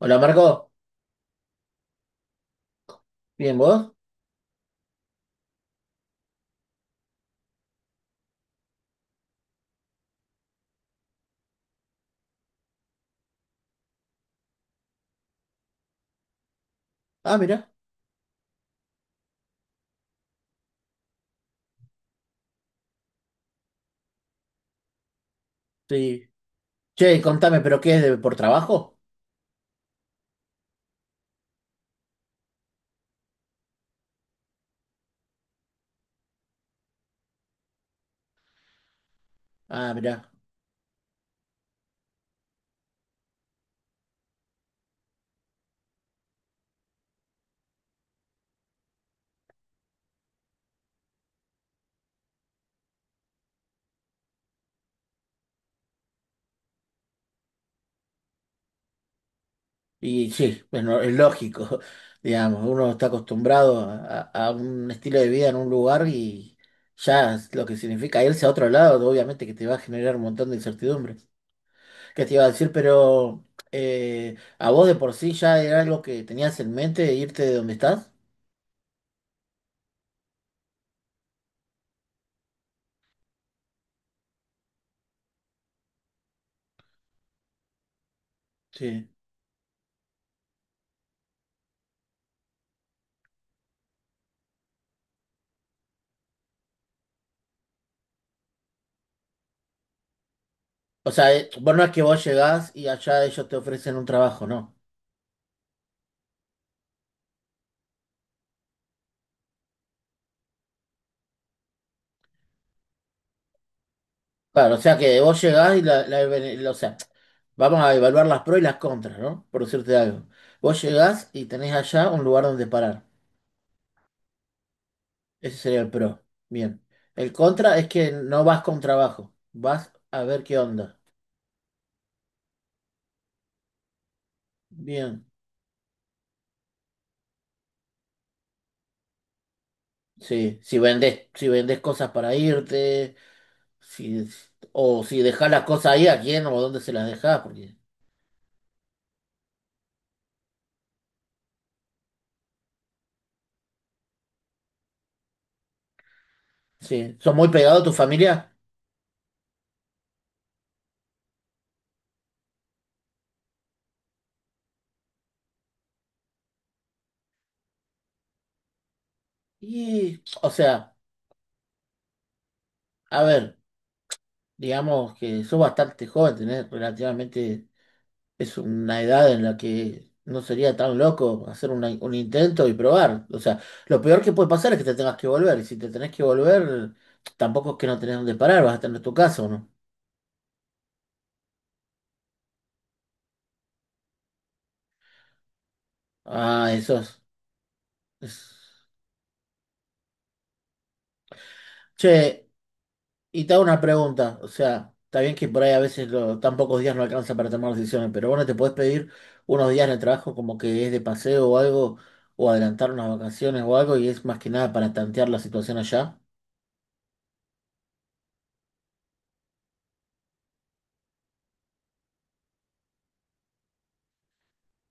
Hola Marco, ¿bien vos? Ah, mira, sí. Che, contame, ¿pero qué es de, por trabajo? Ah, mira. Y sí, bueno, es lógico, digamos, uno está acostumbrado a, a un estilo de vida en un lugar y ya es lo que significa irse a otro lado, obviamente que te va a generar un montón de incertidumbre. ¿Qué te iba a decir? Pero a vos de por sí ya era algo que tenías en mente, irte de donde estás. Sí. O sea, vos no es que vos llegás y allá ellos te ofrecen un trabajo, ¿no? Claro, o sea que vos llegás y o sea, vamos a evaluar las pros y las contras, ¿no? Por decirte algo. Vos llegás y tenés allá un lugar donde parar. Ese sería el pro. Bien. El contra es que no vas con trabajo, vas a ver qué onda. Bien. Sí, si vendés cosas para irte, si, o si dejás las cosas ahí, a quién o dónde se las dejás, porque sí, son muy pegados a tu familia. Y, o sea, a ver, digamos que sos bastante joven, tenés relativamente, es una edad en la que no sería tan loco hacer un intento y probar. O sea, lo peor que puede pasar es que te tengas que volver, y si te tenés que volver, tampoco es que no tenés dónde parar, vas a tener tu casa, ¿o no? Ah, eso es. es- Che, y te hago una pregunta, o sea, está bien que por ahí a veces tan pocos días no alcanza para tomar decisiones, pero bueno, te podés pedir unos días en el trabajo como que es de paseo o algo, o adelantar unas vacaciones o algo, y es más que nada para tantear la situación allá.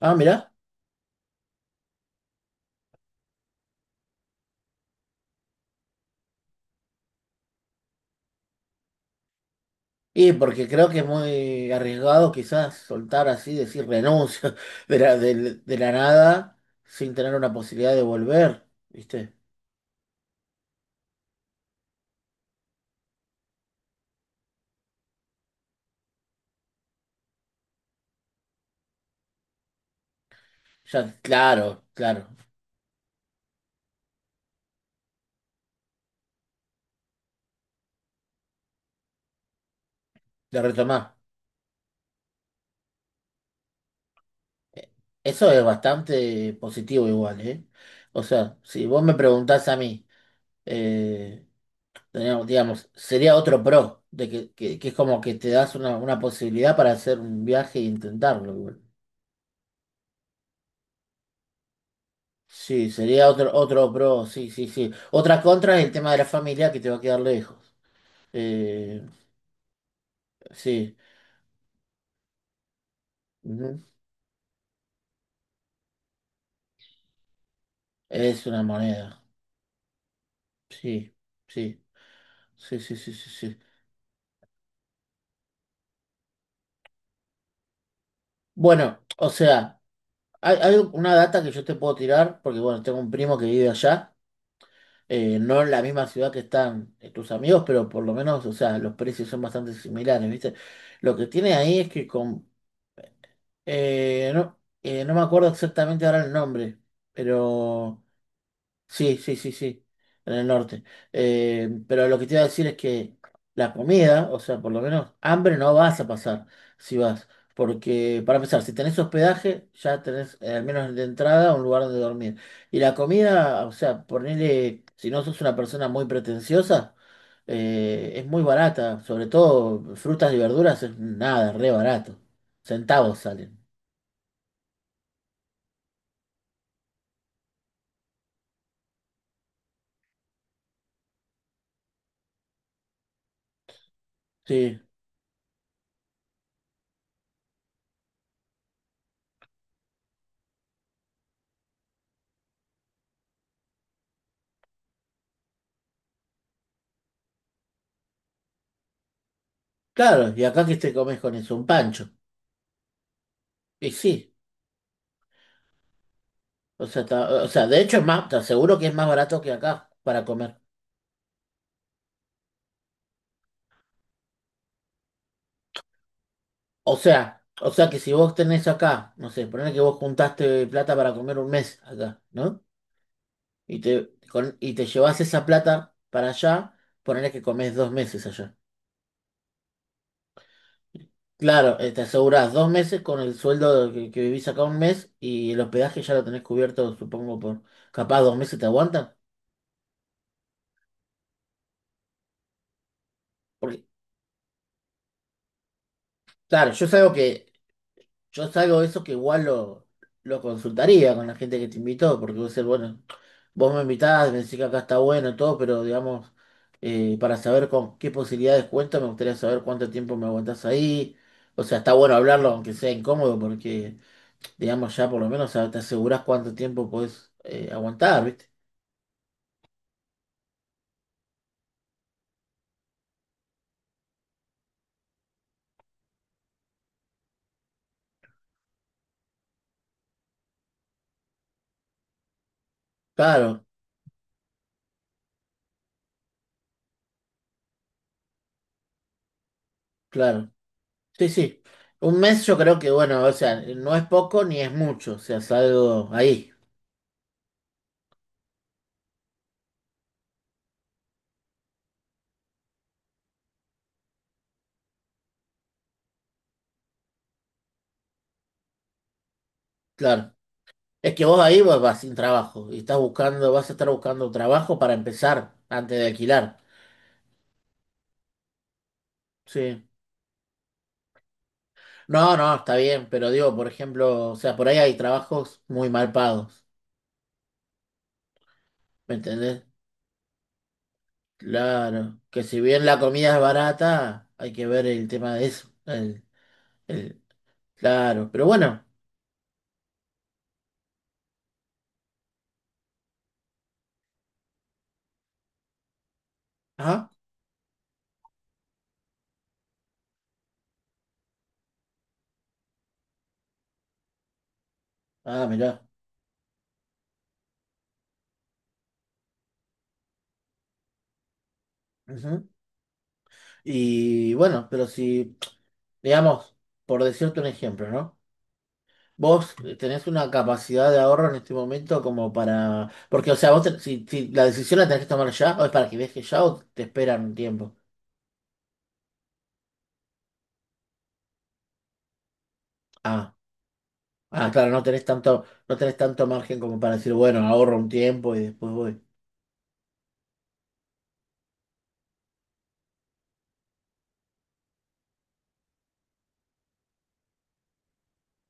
Ah, mirá. Y porque creo que es muy arriesgado quizás soltar así, decir renuncio de la nada sin tener una posibilidad de volver, ¿viste? Ya, claro, claro, de retomar. Eso es bastante positivo igual, ¿eh? O sea, si vos me preguntás a mí, eh, digamos, sería otro pro, de que es como que te das una posibilidad para hacer un viaje e intentarlo igual. Sí, sería otro pro, sí, sí, sí. Otra contra es el tema de la familia que te va a quedar lejos. Eh, sí, ujú. Es una moneda. Sí, sí, sí, sí, sí, sí, sí. Bueno, o sea, hay una data que yo te puedo tirar, porque bueno, tengo un primo que vive allá, no en la misma ciudad que están tus amigos, pero por lo menos, o sea, los precios son bastante similares, ¿viste? Lo que tiene ahí es que con, no, no me acuerdo exactamente ahora el nombre, pero sí, sí, sí, sí, en el norte. Pero lo que te iba a decir es que la comida, o sea, por lo menos hambre no vas a pasar si vas. Porque, para empezar, si tenés hospedaje, ya tenés al menos de entrada un lugar donde dormir. Y la comida, o sea, ponele, si no sos una persona muy pretenciosa, es muy barata. Sobre todo frutas y verduras es nada, re barato. Centavos salen. Sí, claro, y acá que te comes con eso, un pancho. Y sí. O sea, o sea, de hecho es más, te aseguro que es más barato que acá para comer. O sea que si vos tenés acá, no sé, ponele que vos juntaste plata para comer un mes acá, ¿no? Y te llevas esa plata para allá, ponele que comés 2 meses allá. Claro, te asegurás 2 meses con el sueldo que vivís acá un mes y el hospedaje ya lo tenés cubierto, supongo, por capaz 2 meses te aguantan. Porque, claro, yo es algo que yo salgo de eso que igual lo consultaría con la gente que te invitó, porque vos decís, bueno, vos me invitás, me decís que acá está bueno, todo, pero digamos, para saber con qué posibilidades cuento, me gustaría saber cuánto tiempo me aguantás ahí. O sea, está bueno hablarlo, aunque sea incómodo, porque, digamos, ya por lo menos te asegurás cuánto tiempo podés aguantar, ¿viste? Claro, claro. Sí, sí. Un mes yo creo que, bueno, o sea, no es poco ni es mucho, o sea, salgo ahí, claro. Es que vos ahí vas sin trabajo y estás buscando, vas a estar buscando un trabajo para empezar antes de alquilar. Sí. No, no, está bien, pero digo, por ejemplo, o sea, por ahí hay trabajos muy mal pagos, ¿me entendés? Claro, que si bien la comida es barata, hay que ver el tema de eso. El- claro, pero bueno, ajá, ah, mirá, ujú. Y bueno, pero si, digamos, por decirte un ejemplo, ¿no? Vos tenés una capacidad de ahorro en este momento como para... Porque, o sea, vos si la decisión la tenés que tomar ya, o es para que viajes ya o te esperan un tiempo. Ah, claro, no tenés tanto margen como para decir, bueno, ahorro un tiempo y después voy.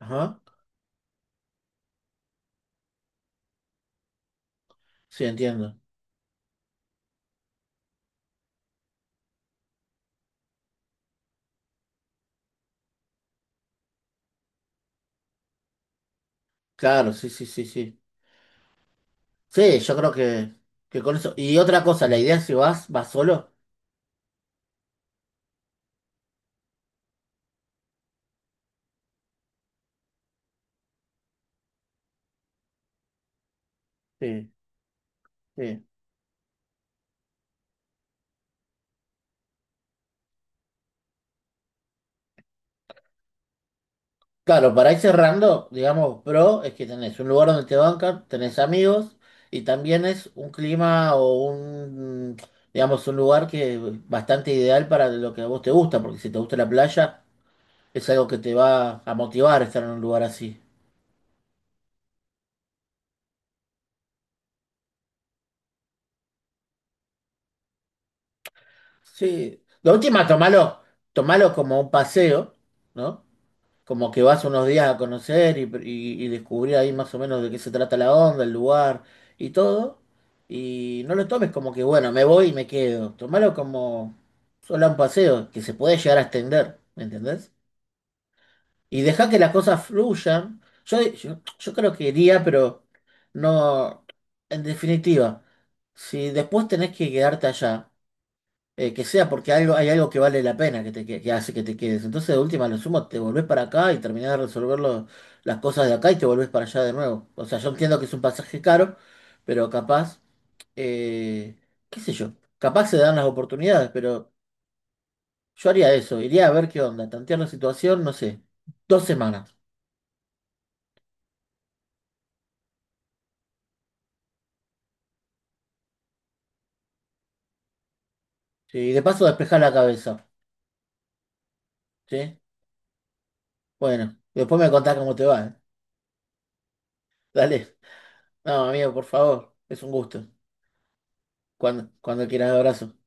Ajá, sí, entiendo. Claro, sí, sí, sí, sí. Sí, yo creo que con eso. Y otra cosa, la idea es si vas, vas solo. Sí, sí. Claro, para ir cerrando, digamos, pro es que tenés un lugar donde te bancan, tenés amigos y también es un clima o un, digamos, un lugar que es bastante ideal para lo que a vos te gusta, porque si te gusta la playa, es algo que te va a motivar estar en un lugar así. Sí, la última, tomalo como un paseo, ¿no? Como que vas unos días a conocer y descubrir ahí más o menos de qué se trata la onda, el lugar y todo. Y no lo tomes como que, bueno, me voy y me quedo. Tómalo como solo un paseo, que se puede llegar a extender, ¿me entendés? Y deja que las cosas fluyan. Yo creo que iría, pero no. En definitiva, si después tenés que quedarte allá que sea porque algo, hay algo que vale la pena que hace que te quedes. Entonces, de última, lo sumo, te volvés para acá y terminás de resolver las cosas de acá y te volvés para allá de nuevo. O sea, yo entiendo que es un pasaje caro, pero capaz, eh, qué sé yo, capaz se dan las oportunidades, pero yo haría eso, iría a ver qué onda, tantear la situación, no sé, 2 semanas. ¿Sí? Y de paso despejar la cabeza, ¿sí? Bueno, después me contás cómo te va, ¿eh? Dale. No, amigo, por favor, es un gusto. Cuando quieras, abrazo.